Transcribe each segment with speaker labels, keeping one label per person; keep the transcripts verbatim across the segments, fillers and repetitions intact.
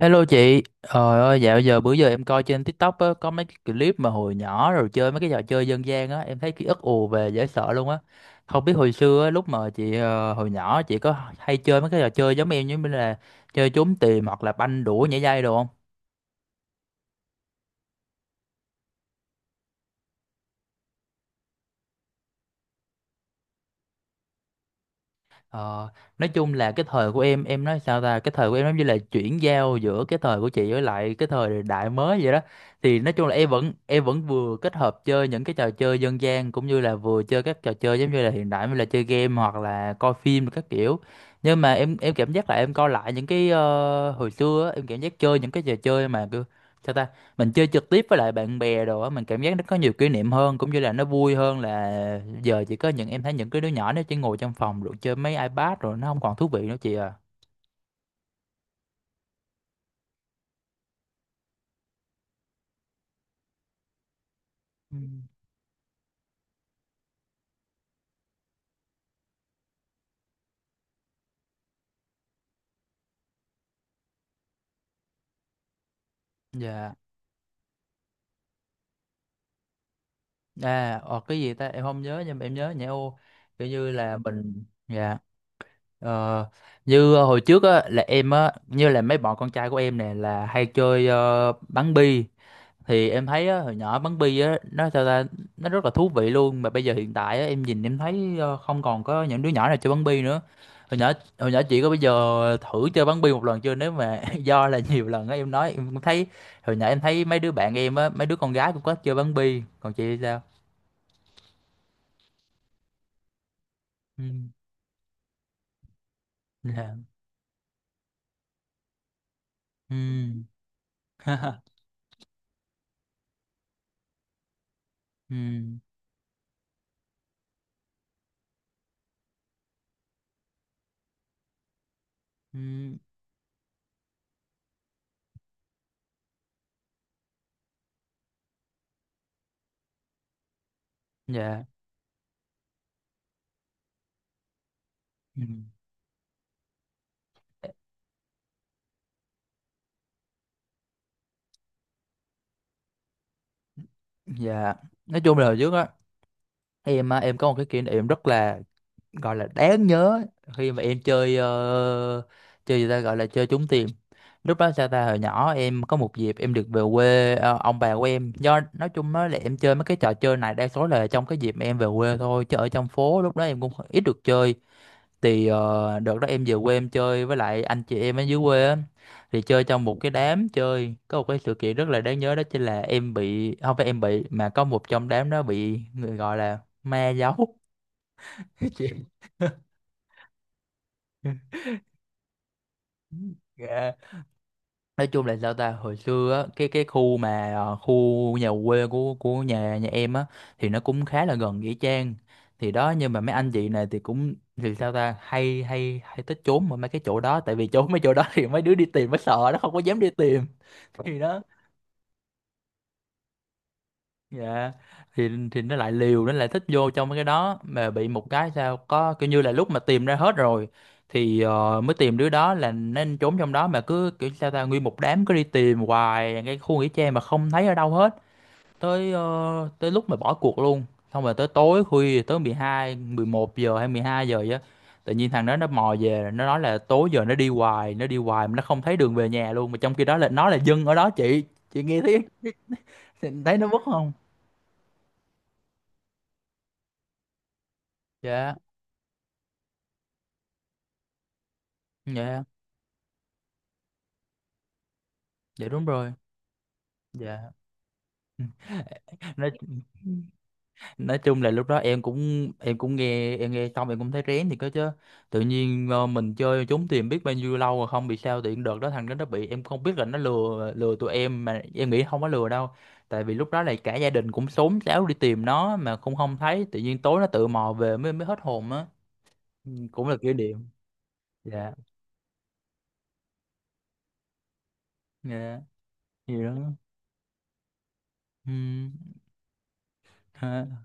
Speaker 1: Hello chị, trời ơi dạo giờ bữa giờ em coi trên TikTok á, có mấy cái clip mà hồi nhỏ rồi chơi mấy cái trò chơi dân gian á, em thấy ký ức ùa về dễ sợ luôn á. Không biết hồi xưa á, lúc mà chị ờ, hồi nhỏ chị có hay chơi mấy cái trò chơi giống em như là chơi trốn tìm hoặc là banh đũa nhảy dây đồ không? Ờ, nói chung là cái thời của em em nói sao ta, cái thời của em giống như là chuyển giao giữa cái thời của chị với lại cái thời đại mới vậy đó, thì nói chung là em vẫn em vẫn vừa kết hợp chơi những cái trò chơi dân gian cũng như là vừa chơi các trò chơi giống như là hiện đại, như là chơi game hoặc là coi phim các kiểu. Nhưng mà em em cảm giác là em coi lại những cái ờ, hồi xưa á, em cảm giác chơi những cái trò chơi mà cứ, sao ta, mình chơi trực tiếp với lại bạn bè đồ á, mình cảm giác nó có nhiều kỷ niệm hơn cũng như là nó vui hơn, là giờ chỉ có những, em thấy những cái đứa nhỏ nó chỉ ngồi trong phòng rồi chơi mấy iPad rồi nó không còn thú vị nữa chị à. Ừ. Dạ. À, ờ, cái gì ta em không nhớ nhưng mà em nhớ nhẹ ô, kiểu như là mình. Dạ. Ờ, như hồi trước á là em á, như là mấy bọn con trai của em nè là hay chơi ờ, bắn bi, thì em thấy á, hồi nhỏ bắn bi á nó sao ta, nó rất là thú vị luôn, mà bây giờ hiện tại á, em nhìn em thấy ờ, không còn có những đứa nhỏ nào chơi bắn bi nữa. Hồi nhỏ, hồi nhỏ chị có bây giờ thử chơi bắn bi một lần chưa, nếu mà do là nhiều lần á em nói em cũng thấy hồi nhỏ em thấy mấy đứa bạn em á, mấy đứa con gái cũng có chơi bắn bi, còn chị thì sao? Ừ. Dạ. Ừ. Ừ. Ừ. Dạ. Ừ. Dạ. Nói chung là hồi trước á, em á, em có một cái kỷ niệm rất là, gọi là đáng nhớ, khi mà em chơi ờ, chơi gì ta, gọi là chơi trúng tiền. Lúc đó sao ta, hồi nhỏ em có một dịp em được về quê ờ, ông bà của em, do nói chung nói là em chơi mấy cái trò chơi này đa số là trong cái dịp mà em về quê thôi, chứ ở trong phố lúc đó em cũng ít được chơi. Thì ờ, đợt đó em về quê em chơi với lại anh chị em ở dưới quê á, thì chơi trong một cái đám chơi, có một cái sự kiện rất là đáng nhớ, đó chính là em bị, không phải em bị mà có một trong đám đó bị người gọi là ma giấu. Chị- Dạ. Nói chung là sao ta, hồi xưa á, cái cái khu mà ờ, khu nhà quê của của nhà nhà em á thì nó cũng khá là gần nghĩa trang. Thì đó, nhưng mà mấy anh chị này thì cũng, thì sao ta, hay hay hay thích trốn ở mấy cái chỗ đó, tại vì trốn mấy chỗ đó thì mấy đứa đi tìm mới sợ, nó không có dám đi tìm. Thì đó. Dạ. Thì thì nó lại liều, nó lại thích vô trong mấy cái đó, mà bị một cái sao có kiểu như là lúc mà tìm ra hết rồi thì ờ, mới tìm đứa đó là nên trốn trong đó, mà cứ kiểu sao ta, nguyên một đám cứ đi tìm hoài cái khu nghỉ trang mà không thấy ở đâu hết, tới ờ, tới lúc mà bỏ cuộc luôn. Xong rồi tới tối khuya, tới mười hai mười một giờ hay mười hai giờ vậy á, tự nhiên thằng đó nó mò về, nó nói là tối giờ nó đi hoài, nó đi hoài mà nó không thấy đường về nhà luôn, mà trong khi đó là nó là dân ở đó chị. Chị nghe thấy, thấy nó mất không? Dạ. Dạ. Dạ đúng rồi. Dạ. Nói nói chung là lúc đó em cũng em cũng nghe, em nghe xong em cũng thấy rén thì có chứ. Tự nhiên ờ, mình chơi trốn tìm biết bao nhiêu lâu rồi không bị sao, tiện đợt đó thằng đó nó bị, em không biết là nó lừa, lừa tụi em, mà em nghĩ không có lừa đâu, tại vì lúc đó là cả gia đình cũng xốn xáo đi tìm nó mà không không thấy, tự nhiên tối nó tự mò về mới, mới hết hồn á. Ừ, cũng là kỷ niệm. Dạ. Dạ gì đó. Ừ. Ha.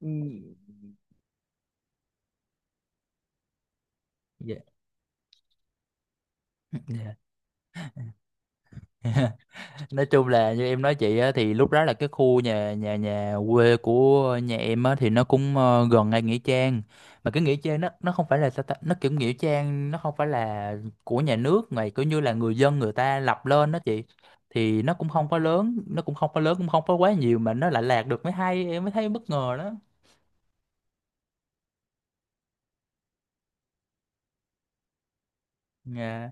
Speaker 1: Ừ. Dạ. Dạ. Nói chung là như em nói chị á, thì lúc đó là cái khu nhà nhà nhà quê của nhà em á thì nó cũng ờ, gần ngay nghĩa trang. Mà cái nghĩa trang nó, nó không phải là, sao ta, nó kiểu nghĩa trang nó không phải là của nhà nước, mà kiểu như là người dân người ta lập lên đó chị. Thì nó cũng không có lớn, nó cũng không có lớn cũng không có quá nhiều mà nó lại lạc được mới hay, em mới thấy bất ngờ đó. Dạ.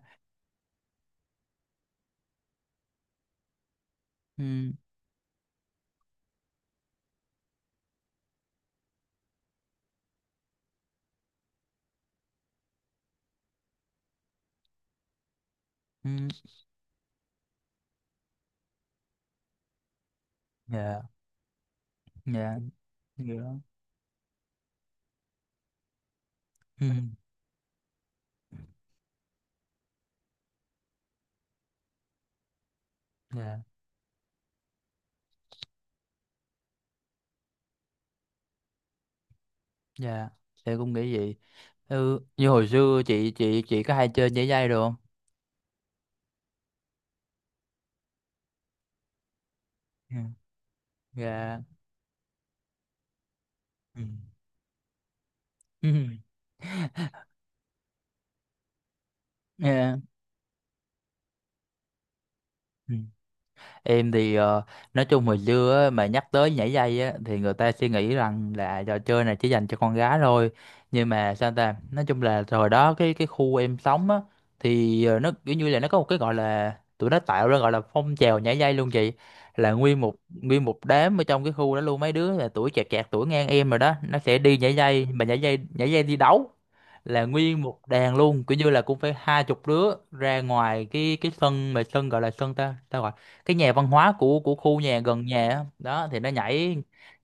Speaker 1: Ừ. Ừ. Dạ. Dạ. Dạ. Ừ. Dạ. Dạ em cũng nghĩ vậy. Ừ, như hồi xưa chị chị chị có hay chơi nhảy dây được không? Yeah. Yeah. Yeah. Yeah. Mm. Em thì ờ, nói chung hồi xưa á, mà nhắc tới nhảy dây á, thì người ta suy nghĩ rằng là trò chơi này chỉ dành cho con gái thôi. Nhưng mà sao ta, nói chung là hồi đó cái cái khu em sống á, thì ờ, nó kiểu như là nó có một cái gọi là, tụi nó tạo ra gọi là phong trào nhảy dây luôn chị. Là nguyên một, nguyên một đám ở trong cái khu đó luôn, mấy đứa là tuổi chẹt chẹt tuổi ngang em rồi đó, nó sẽ đi nhảy dây, mà nhảy dây nhảy dây đi đấu, là nguyên một đàn luôn, kiểu như là cũng phải hai chục đứa ra ngoài cái cái sân, mà sân gọi là sân ta ta gọi cái nhà văn hóa của của khu nhà gần nhà á. Đó thì nó nhảy,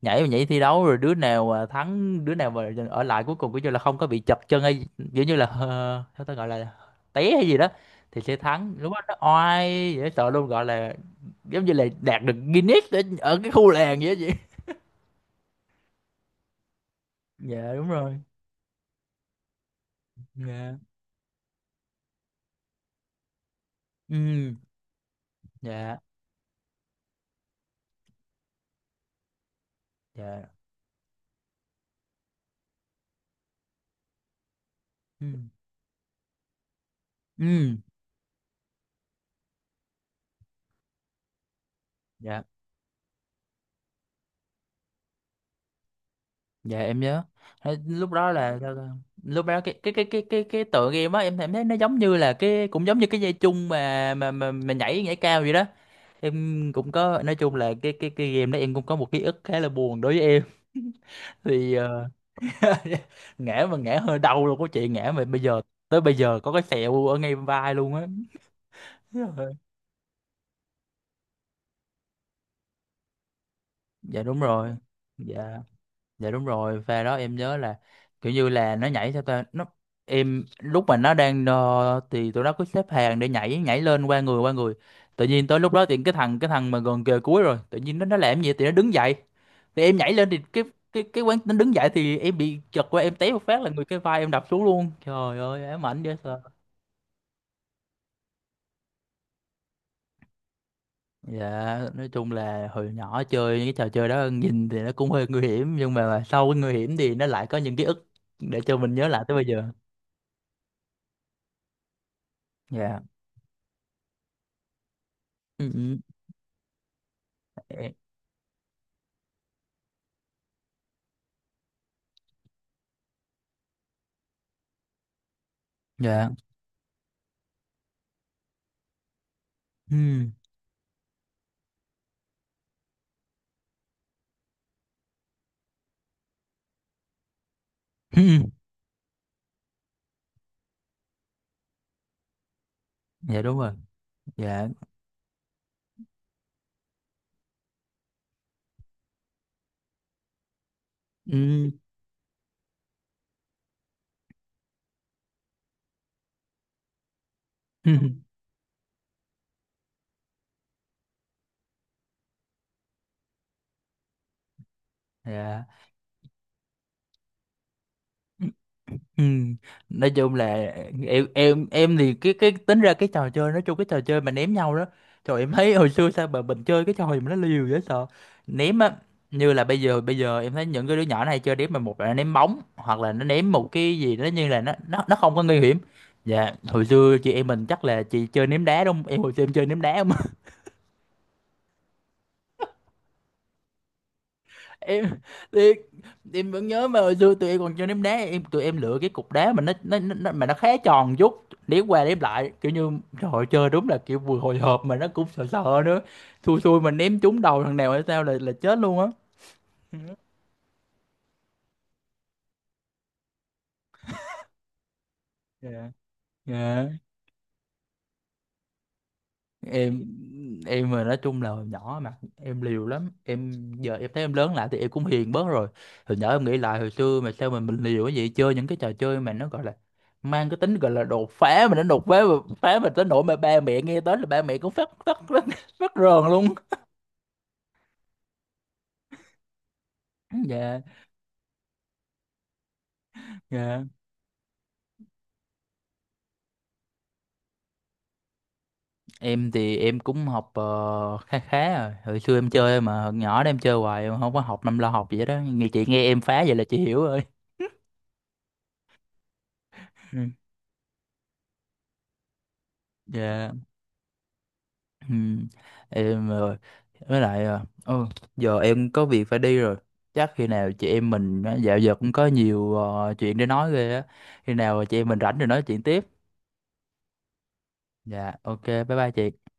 Speaker 1: nhảy và nhảy thi đấu, rồi đứa nào à, thắng, đứa nào mà ở lại cuối cùng kiểu như là không có bị chập chân hay kiểu như là ờ, sao ta gọi là té hay gì đó thì sẽ thắng. Lúc đó nó oai dễ sợ luôn, gọi là giống như là đạt được Guinness ở, ở cái khu làng vậy đó chị. Dạ đúng rồi. Dạ. Ừ. Dạ. Dạ. Ừ. Ừ. Dạ. Dạ em nhớ. Thế lúc đó. Ừ. Là lúc đó cái cái cái cái cái cái tựa game á, em em thấy nó giống như là cái, cũng giống như cái dây chung mà mà mà, mà nhảy, nhảy cao vậy đó. Em cũng có, nói chung là cái cái cái game đó em cũng có một ký ức khá là buồn đối với em. Thì ờ, ngã, mà ngã hơi đau luôn, có chuyện ngã mà bây giờ, tới bây giờ có cái sẹo ở ngay vai luôn á. Dạ đúng rồi. Dạ. Dạ đúng rồi, pha đó em nhớ là kiểu như là nó nhảy theo ta, nó, em lúc mà nó đang ờ, thì tụi nó cứ xếp hàng để nhảy, nhảy lên qua người, qua người tự nhiên tới lúc đó thì cái thằng cái thằng mà gần kề cuối rồi tự nhiên nó nó làm gì thì nó đứng dậy, thì em nhảy lên thì cái cái cái quán nó đứng dậy thì em bị chật qua, em té một phát là người, cái vai em đập xuống luôn, trời ơi ám ảnh dễ sợ. Dạ. Nói chung là hồi nhỏ chơi những cái trò chơi đó nhìn thì nó cũng hơi nguy hiểm, nhưng mà sau cái nguy hiểm thì nó lại có những ký ức để cho mình nhớ lại tới bây giờ. Dạ. Ừ, ừ. Dạ. Dạ. Ừ, ừ. Dạ đúng rồi. Dạ. Ừ, ừ. Dạ. Ừ. Nói chung là em em em thì cái cái tính ra cái trò chơi, nói chung cái trò chơi mà ném nhau đó, trời em thấy hồi xưa sao mà mình chơi cái trò gì mà nó liều dễ sợ, ném á. Như là bây giờ, bây giờ em thấy những cái đứa nhỏ này chơi ném, mà một là nó ném bóng hoặc là nó ném một cái gì đó, như là nó nó nó không có nguy hiểm. Dạ hồi xưa chị em mình chắc là chị chơi ném đá đúng không, em hồi xưa em chơi ném đá. Em thì em vẫn nhớ mà hồi xưa tụi em còn chơi ném đá em, tụi em lựa cái cục đá mà nó nó, nó mà nó khá tròn chút, ném qua ném lại kiểu như, trời ơi, chơi đúng là kiểu vừa hồi hộp mà nó cũng sợ sợ nữa, xui xui mà ném trúng đầu thằng nào hay sao là là chết luôn á. Dạ. Dạ. em em mà, nói chung là hồi nhỏ mà em liều lắm em, giờ em thấy em lớn lại thì em cũng hiền bớt rồi. Hồi nhỏ em nghĩ lại hồi xưa mà sao mà mình liều, cái gì chơi những cái trò chơi mà nó gọi là mang cái tính gọi là đột phá, mà nó đột phá mà phá mà tới nỗi mà ba mẹ nghe tới là ba mẹ cũng phát phát phát, phát rờn luôn. Dạ. Dạ. Em thì em cũng học ờ, khá khá rồi, hồi xưa em chơi mà, hồi nhỏ đó em chơi hoài em không có học, năm lo học gì hết đó, nghe chị nghe em phá vậy là chị hiểu rồi. Ừ. Dạ. Ừ, em rồi với lại ờ, ừ, giờ em có việc phải đi rồi, chắc khi nào chị em mình á, dạo giờ cũng có nhiều ờ, chuyện để nói ghê á, khi nào chị em mình rảnh rồi nói chuyện tiếp. Dạ ok bye bye chị.